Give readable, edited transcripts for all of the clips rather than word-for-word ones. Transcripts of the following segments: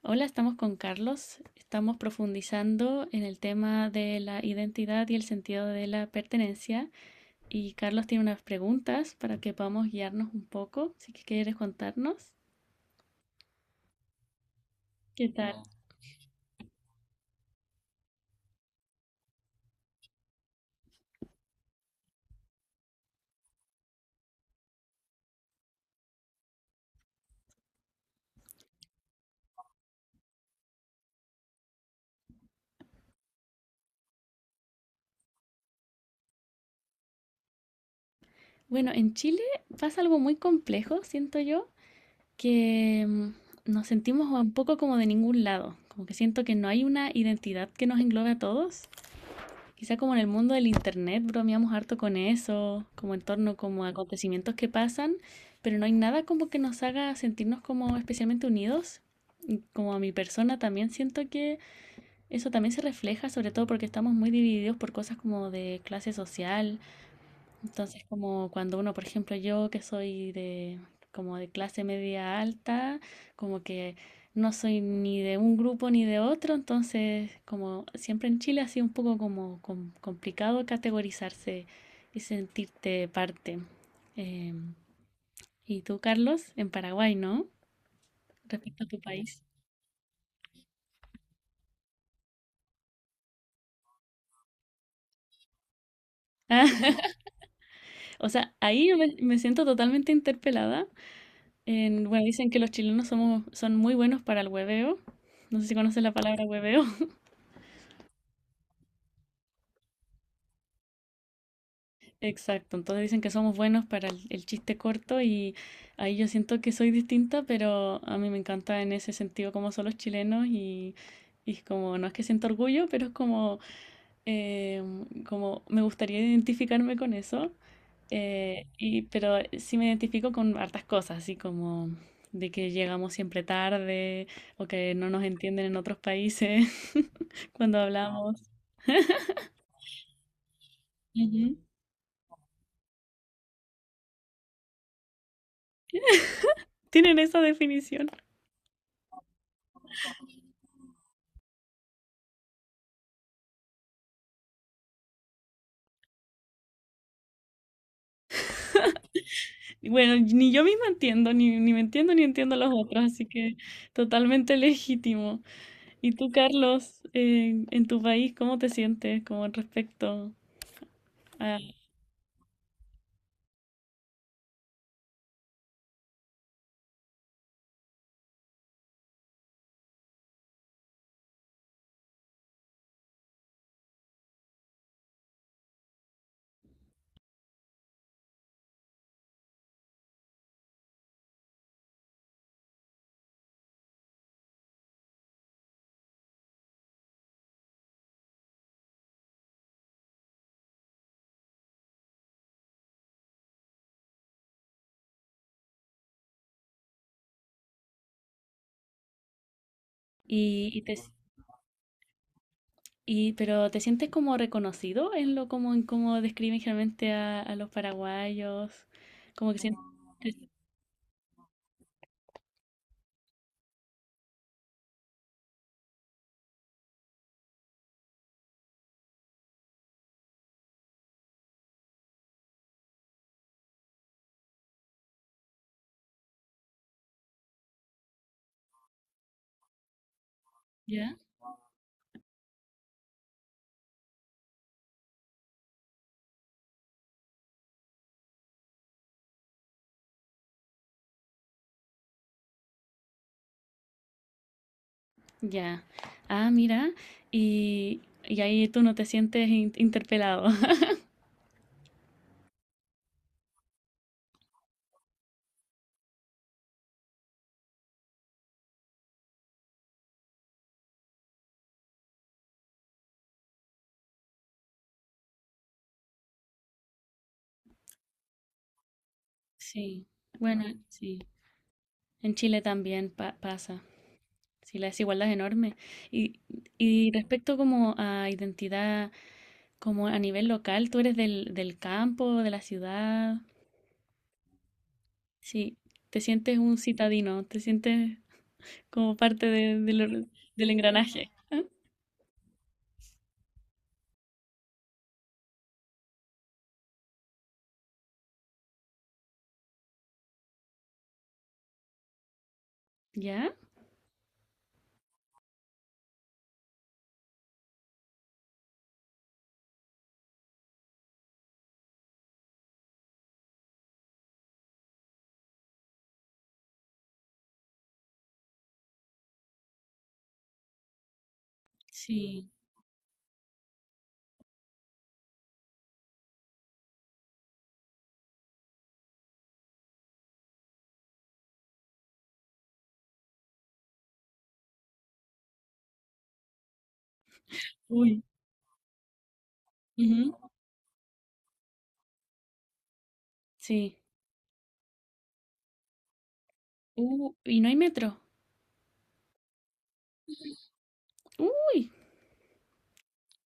Hola, estamos con Carlos. Estamos profundizando en el tema de la identidad y el sentido de la pertenencia. Y Carlos tiene unas preguntas para que podamos guiarnos un poco, si que quieres contarnos. ¿Qué tal? Bueno, en Chile pasa algo muy complejo, siento yo, que nos sentimos un poco como de ningún lado, como que siento que no hay una identidad que nos englobe a todos. Quizá como en el mundo del internet bromeamos harto con eso, como en torno como a acontecimientos que pasan, pero no hay nada como que nos haga sentirnos como especialmente unidos. Y como a mi persona también siento que eso también se refleja, sobre todo porque estamos muy divididos por cosas como de clase social, entonces, como cuando uno, por ejemplo, yo que soy de como de clase media alta, como que no soy ni de un grupo ni de otro, entonces como siempre en Chile ha sido un poco como complicado categorizarse y sentirte parte. Em, ¿Y tú, Carlos, en Paraguay, no? Respecto a tu país. O sea, ahí yo me siento totalmente interpelada. Bueno, dicen que los son muy buenos para el hueveo. No sé si conoces la palabra hueveo. Exacto, entonces dicen que somos buenos para el chiste corto y ahí yo siento que soy distinta, pero a mí me encanta en ese sentido cómo son los chilenos y es como, no es que siento orgullo, pero es como, eh, como me gustaría identificarme con eso, pero sí me identifico con hartas cosas, así como de que llegamos siempre tarde o que no nos entienden en otros países cuando hablamos. Ujú. ¿Tienen esa definición? Y bueno, ni yo misma entiendo, ni me entiendo ni entiendo a los otros, así que totalmente legítimo. ¿Y tú, Carlos, en tu país, cómo te sientes como respecto a... Y, y te, pero ¿te sientes como reconocido en lo como en cómo describen generalmente a los paraguayos? Como que sientes... ¿Ya? Ya. Ah, mira. Y ahí tú no te sientes interpelado. Sí. Bueno, sí. En Chile también pasa. Sí, la desigualdad es enorme. Y, y respecto como a identidad, como a nivel local, tú eres del campo, de la ciudad. Sí, te sientes un citadino, te sientes como parte de del engranaje. ¿Ya? Sí. Uy, ujú, sí. Y no hay metro. Uy,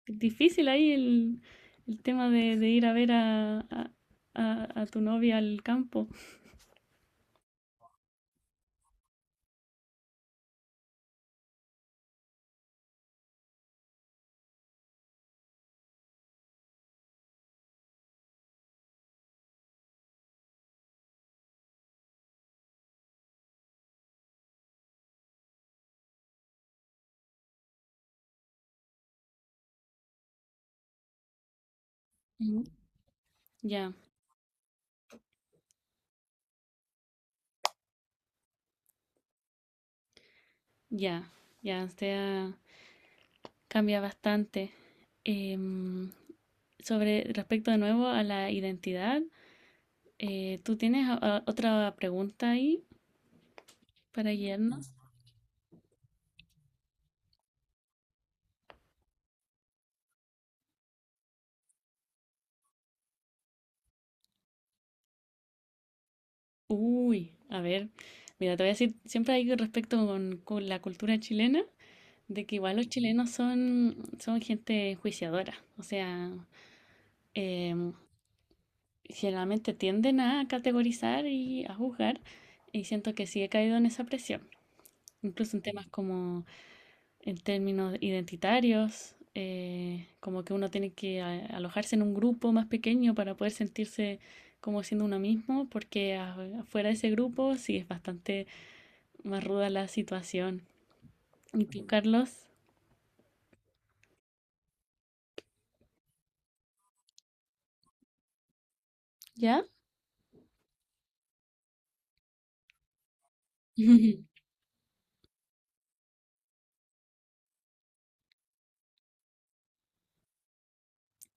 difícil ahí el tema de ir a ver a tu novia al campo. Ujú. Ya, ya, ya, o sea... Cambia bastante. Em, Sobre respecto de nuevo a la identidad, ¿tú tienes otra pregunta ahí para guiarnos? Uy, a ver, mira, te voy a decir, siempre hay respecto con la cultura chilena, de que igual los son gente enjuiciadora, o sea, em, generalmente tienden a categorizar y a juzgar, y siento que sí he caído en esa presión, incluso en temas como en términos identitarios, como que uno tiene que alojarse en un grupo más pequeño para poder sentirse como siendo uno mismo, porque afuera de ese grupo sí es bastante más ruda la situación. ¿Y tú, Carlos? ¿Ya? Ujú.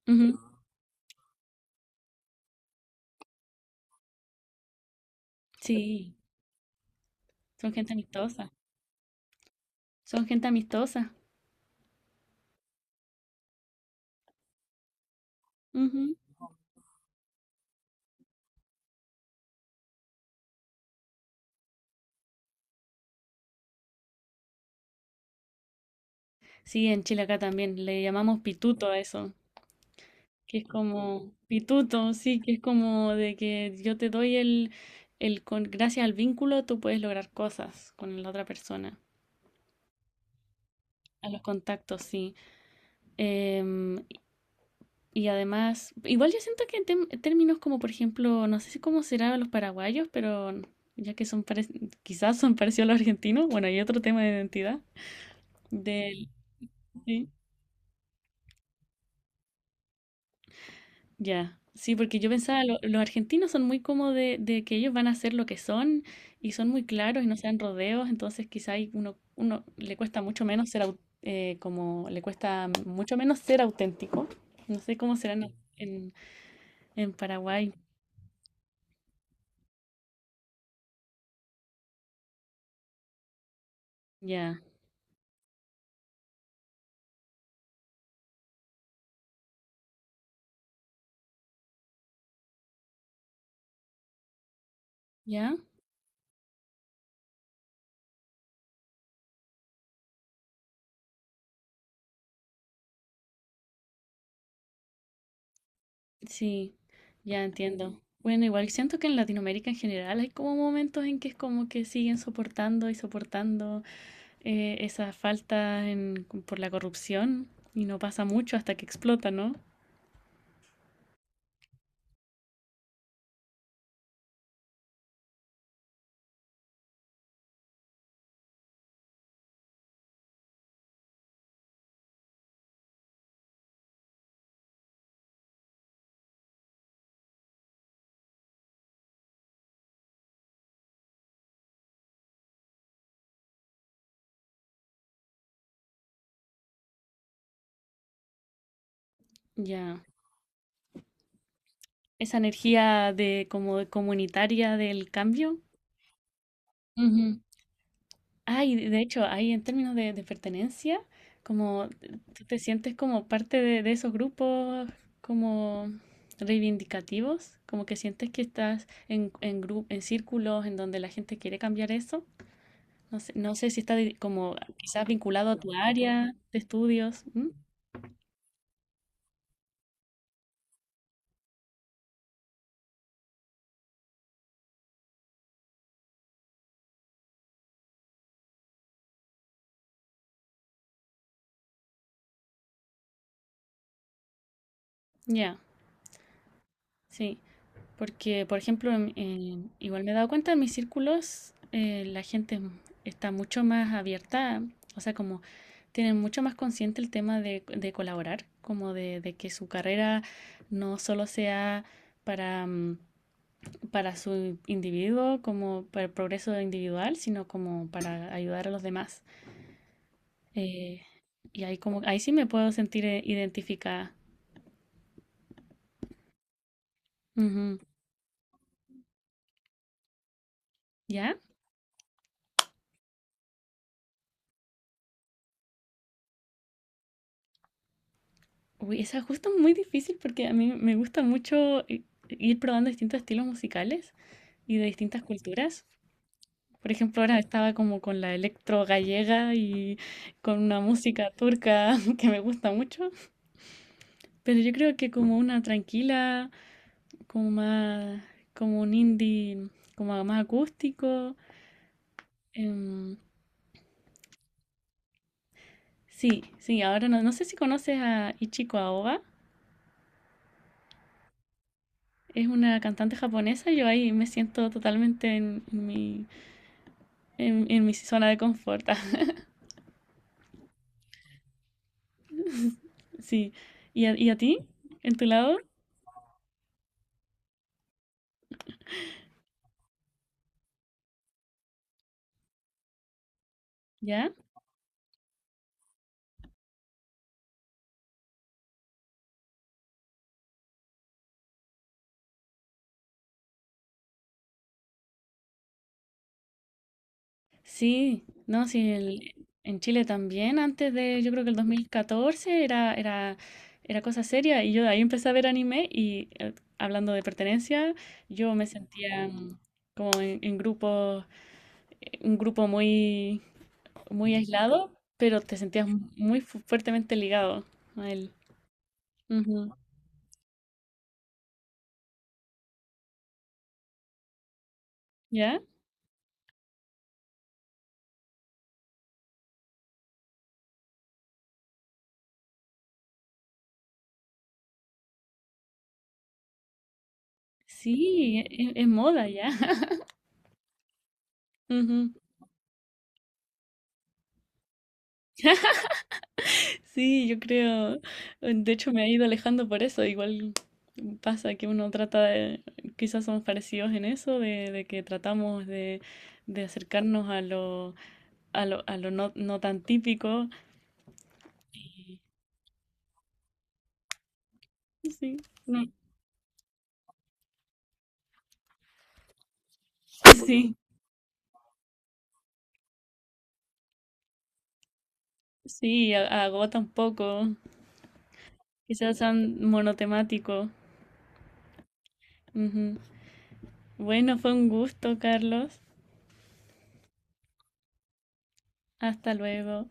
Ujú. Sí, son gente amistosa. Son gente amistosa. Ujú. Sí, en Chile acá también le llamamos pituto a eso. Que es como pituto, sí, que es como de que yo te doy el con, gracias al vínculo tú puedes lograr cosas con la otra persona. A los contactos, sí. Em, y además, igual yo siento que en términos como, por ejemplo, no sé si cómo será los paraguayos, pero ya que son quizás son parecidos a los argentinos, bueno, hay otro tema de identidad. Del, sí. Ya, sí, porque yo pensaba, los argentinos son muy como de que ellos van a ser lo que son y son muy claros y no se dan rodeos, entonces quizá ahí uno le cuesta mucho menos ser como le cuesta mucho menos ser auténtico. No sé cómo serán en Paraguay. Ya, ya, sí, ya entiendo. Bueno, igual siento que en Latinoamérica en general hay como momentos en que es como que siguen soportando y soportando. Esa falta por la corrupción y no pasa mucho hasta que explota, ¿no? Ya. Esa energía de como de comunitaria del cambio. Ujú. Ah, y de hecho, ahí en términos de pertenencia, como tú te sientes como parte de esos grupos como reivindicativos, como que sientes que estás en círculos en donde la gente quiere cambiar eso. No sé, no sé si está como quizás vinculado a tu área de estudios. ¿M? Ya. Sí, porque por ejemplo, igual me he dado cuenta en mis círculos, la gente está mucho más abierta, o sea, como tienen mucho más consciente el tema de colaborar, como de que su carrera no solo sea para, mm, para su individuo, como para el progreso individual, sino como para ayudar a los demás. Eh, y ahí como, ahí sí me puedo sentir identificada. Ujú. ¿Ya? Uy, esa es justo muy difícil porque a mí me gusta mucho ir probando distintos estilos musicales y de distintas culturas. Por ejemplo, ahora estaba como con la electro gallega y con una música turca que me gusta mucho, pero yo creo que como una tranquila, como más, como un indie, como más acústico. em, sí, sí, ahora no, no sé si conoces a Ichiko Aoba, es una cantante japonesa, yo ahí me siento totalmente en mi zona de confort. Sí. ¿Y y a ti? ¿En tu lado? ¿Ya? Sí. No, sí, el- En Chile también, antes de, yo creo que el 2014 era cosa seria y yo de ahí empecé a ver anime y hablando de pertenencia, yo me sentía como en grupo, un grupo muy, muy aislado, pero te sentías muy fuertemente ligado a él. Ujú. ¿Ya? Sí, es, moda ya. Ujú. Sí, yo creo, de hecho me he ido alejando por eso, igual pasa que uno trata de, quizás somos parecidos en eso, de que tratamos de acercarnos a lo no tan típico. y- Sí, no, sí, sí, agota un poco, quizás sean monotemático. Ujú. Bueno, fue un gusto, Carlos. Hasta luego.